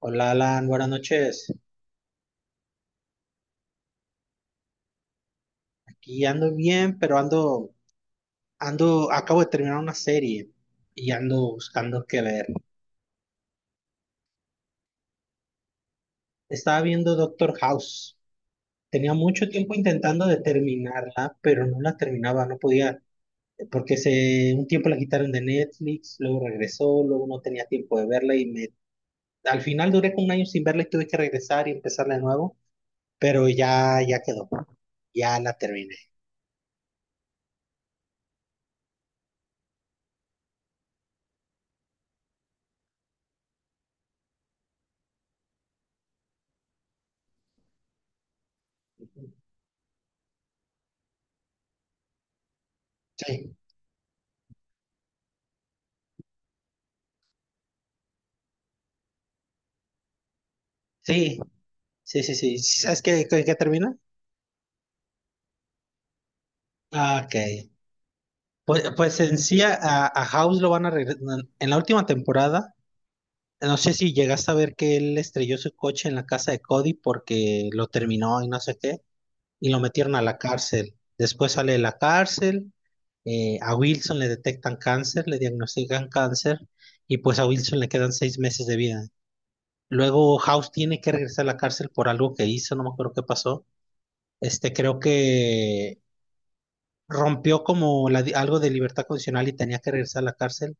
Hola Alan, buenas noches. Aquí ando bien, pero acabo de terminar una serie y ando buscando qué ver. Estaba viendo Doctor House. Tenía mucho tiempo intentando de terminarla, pero no la terminaba, no podía, un tiempo la quitaron de Netflix, luego regresó, luego no tenía tiempo de verla al final duré como un año sin verla y tuve que regresar y empezarla de nuevo, pero ya, ya quedó, ya la terminé. Sí, sí, sí, sí, sí. ¿Sabes qué termina? Ah, ok. Pues en sí a House lo van a regresar. En la última temporada, no sé si llegaste a ver que él estrelló su coche en la casa de Cody porque lo terminó y no sé qué, y lo metieron a la cárcel. Después sale de la cárcel, a Wilson le detectan cáncer, le diagnostican cáncer, y pues a Wilson le quedan 6 meses de vida. Luego House tiene que regresar a la cárcel por algo que hizo, no me acuerdo qué pasó. Este, creo que rompió como algo de libertad condicional y tenía que regresar a la cárcel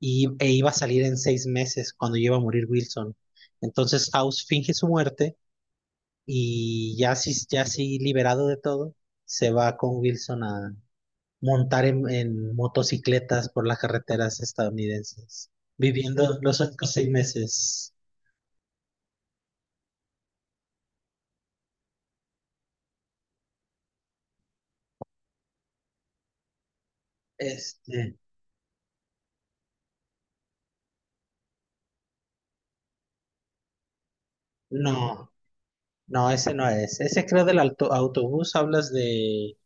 e iba a salir en 6 meses cuando iba a morir Wilson. Entonces House finge su muerte y ya así liberado de todo, se va con Wilson a montar en motocicletas por las carreteras estadounidenses, viviendo los otros 6 meses. Este, no, no, ese no es. Ese creo del autobús, hablas de,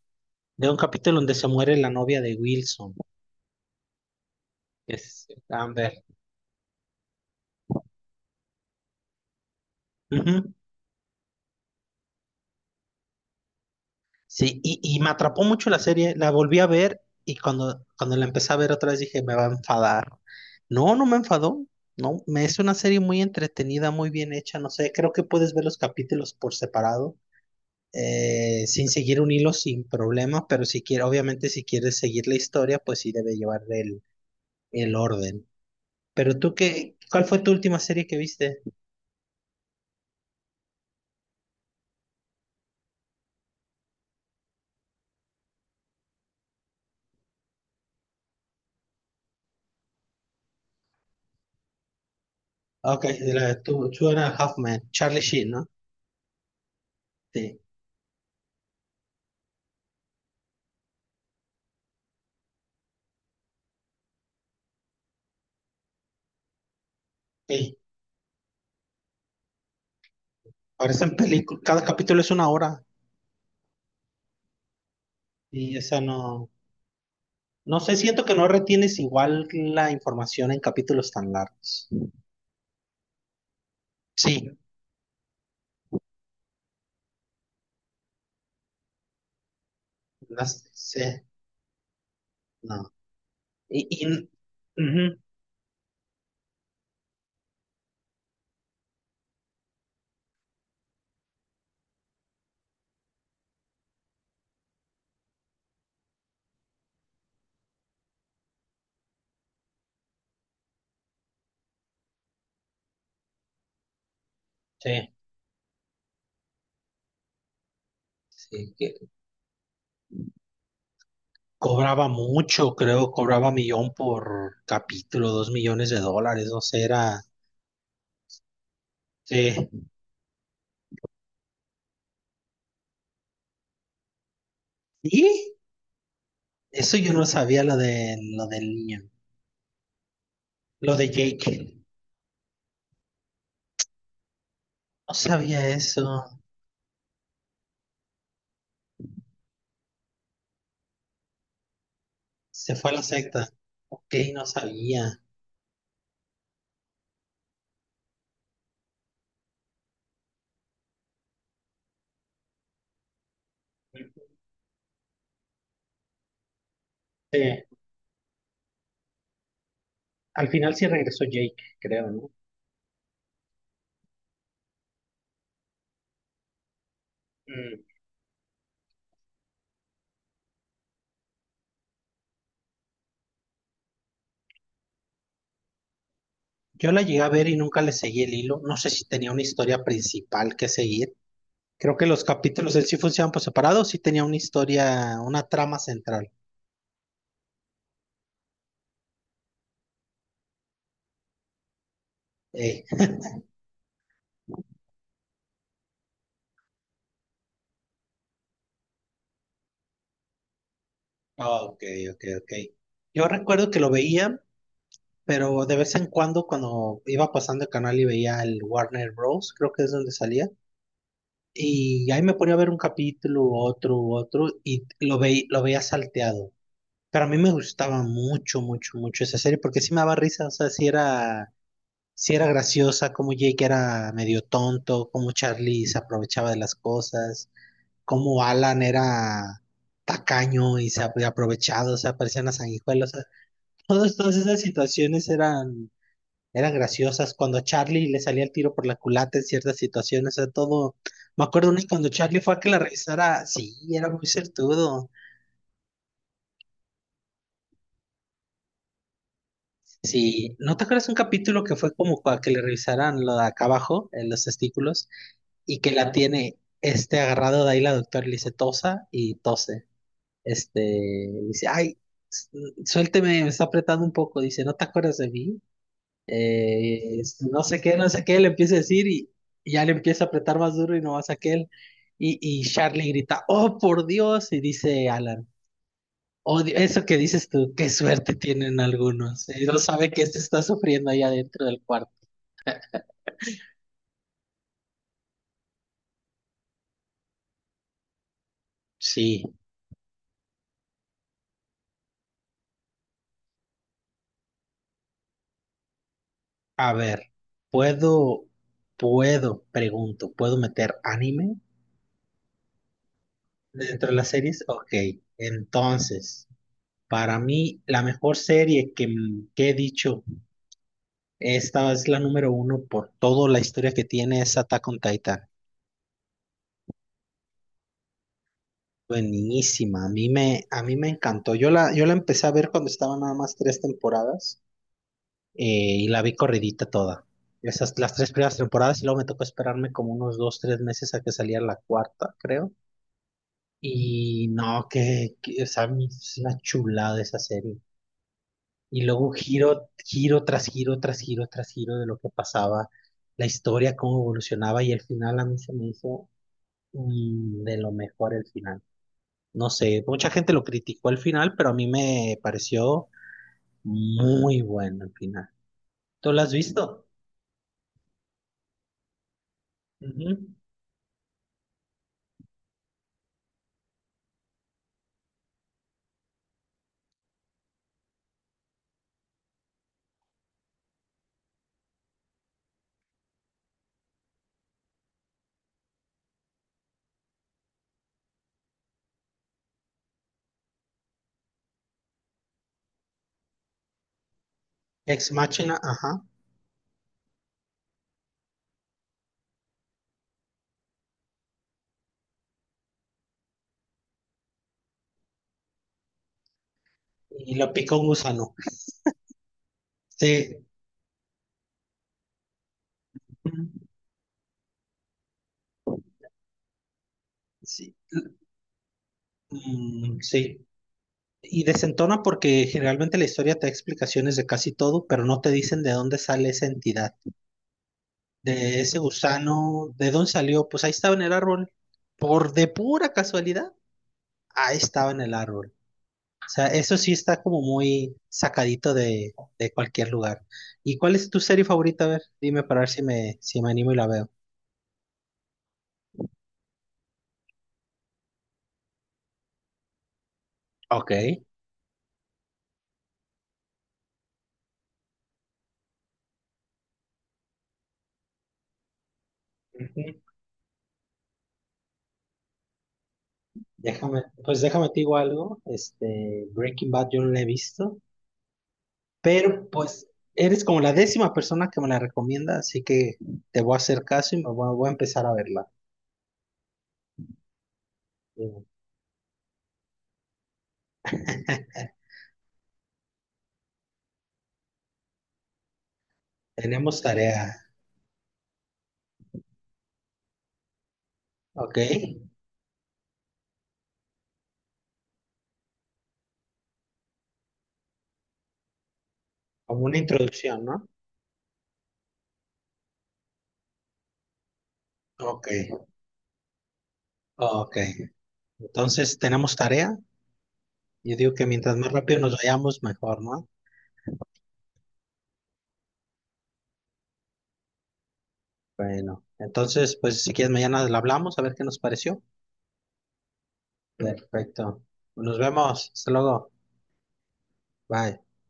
de un capítulo donde se muere la novia de Wilson. Es Amber. Ujú. Sí, y me atrapó mucho la serie, la volví a ver y cuando la empecé a ver otra vez dije, me va a enfadar. No, no me enfadó, no, me es una serie muy entretenida, muy bien hecha, no sé, creo que puedes ver los capítulos por separado, sin seguir un hilo, sin problema, pero si quieres, obviamente si quieres seguir la historia, pues sí debe llevar el orden. Pero tú, ¿cuál fue tu última serie que viste? Ok, Two and a Half Men, Charlie Sheen, ¿no? Sí. Parecen películas, cada capítulo es una hora. Y, o sea, no, no sé, siento que no retienes igual la información en capítulos tan largos. Sí, sí, no. Y, y- ujú, sí, sí, que cobraba mucho, creo, cobraba millón por capítulo, $2 millones, no sé, era. Sí. Y eso yo no sabía lo del niño, lo de Jake. No sabía eso. Se fue a la secta. Ok, no sabía. Sí. Al final sí regresó Jake, creo, ¿no? Mm. Yo la llegué a ver y nunca le seguí el hilo. No sé si tenía una historia principal que seguir. Creo que los capítulos él sí funcionaban por separado, sí tenía una historia, una trama central. Eh, ah, ok, ok, ok. Yo recuerdo que lo veía, pero de vez en cuando, cuando iba pasando el canal y veía el Warner Bros., creo que es donde salía, y ahí me ponía a ver un capítulo, otro, otro, lo veía salteado. Pero a mí me gustaba mucho, mucho, mucho esa serie porque sí me daba risa, o sea, sí era graciosa, como Jake era medio tonto, como Charlie se aprovechaba de las cosas, como Alan era tacaño y se había aprovechado, o sea, parecían a sanguijuela, o sea, todas esas situaciones eran, eran graciosas. Cuando a Charlie le salía el tiro por la culata en ciertas situaciones, o sea, todo. Me acuerdo una cuando Charlie fue a que la revisara, sí, era muy certudo. Sí, ¿no te acuerdas un capítulo que fue como para que le revisaran lo de acá abajo, en los testículos, y que la tiene este agarrado de ahí la doctora y le dice tosa y tose? Este, dice, ay, s- suélteme, me está apretando un poco, dice, ¿no te acuerdas de mí? No sé qué, no sé qué, le empieza a decir y ya le empieza a apretar más duro y no más aquel. Y Charlie grita, oh, por Dios, y dice Alan. Odio eso que dices tú, qué suerte tienen algunos. No sabe que se está sufriendo allá dentro del cuarto. Sí, a ver, puedo, ¿puedo meter anime dentro de las series? Ok, entonces, para mí, la mejor serie que he dicho, esta es la número uno por toda la historia que tiene es Attack on Titan. Buenísima, a mí me encantó. Yo la empecé a ver cuando estaban nada más tres temporadas. Y la vi corridita toda. Esas, las tres primeras temporadas y luego me tocó esperarme como unos 2, 3 meses a que saliera la cuarta, creo. Y no, o sea, es una chulada esa serie. Y luego giro, giro tras giro, tras giro, tras giro de lo que pasaba, la historia, cómo evolucionaba y el final a mí se me hizo de lo mejor el final. No sé, mucha gente lo criticó el final, pero a mí me pareció muy bueno el final. ¿Tú lo has visto? Ujú. Ex Machina, ajá. Y lo pica un gusano. Sí. Mm, sí. Mm, sí. Y desentona porque generalmente la historia te da explicaciones de casi todo, pero no te dicen de dónde sale esa entidad. De ese gusano, ¿de dónde salió? Pues ahí estaba en el árbol. Por de pura casualidad, ahí estaba en el árbol. O sea, eso sí está como muy sacadito de cualquier lugar. ¿Y cuál es tu serie favorita? A ver, dime para ver si me, si me animo y la veo. Ok. Déjame, pues déjame te digo algo, Breaking Bad yo no la he visto, pero pues eres como la 10.ª persona que me la recomienda, así que te voy a hacer caso y me voy, voy a empezar a verla. Digo, tenemos tarea, ¿ok? Como una introducción, ¿no? Ok, ok. Entonces tenemos tarea. Yo digo que mientras más rápido nos vayamos, mejor, ¿no? Bueno, entonces, pues si quieres mañana la hablamos, a ver qué nos pareció. Perfecto. Nos vemos. Hasta luego. Bye.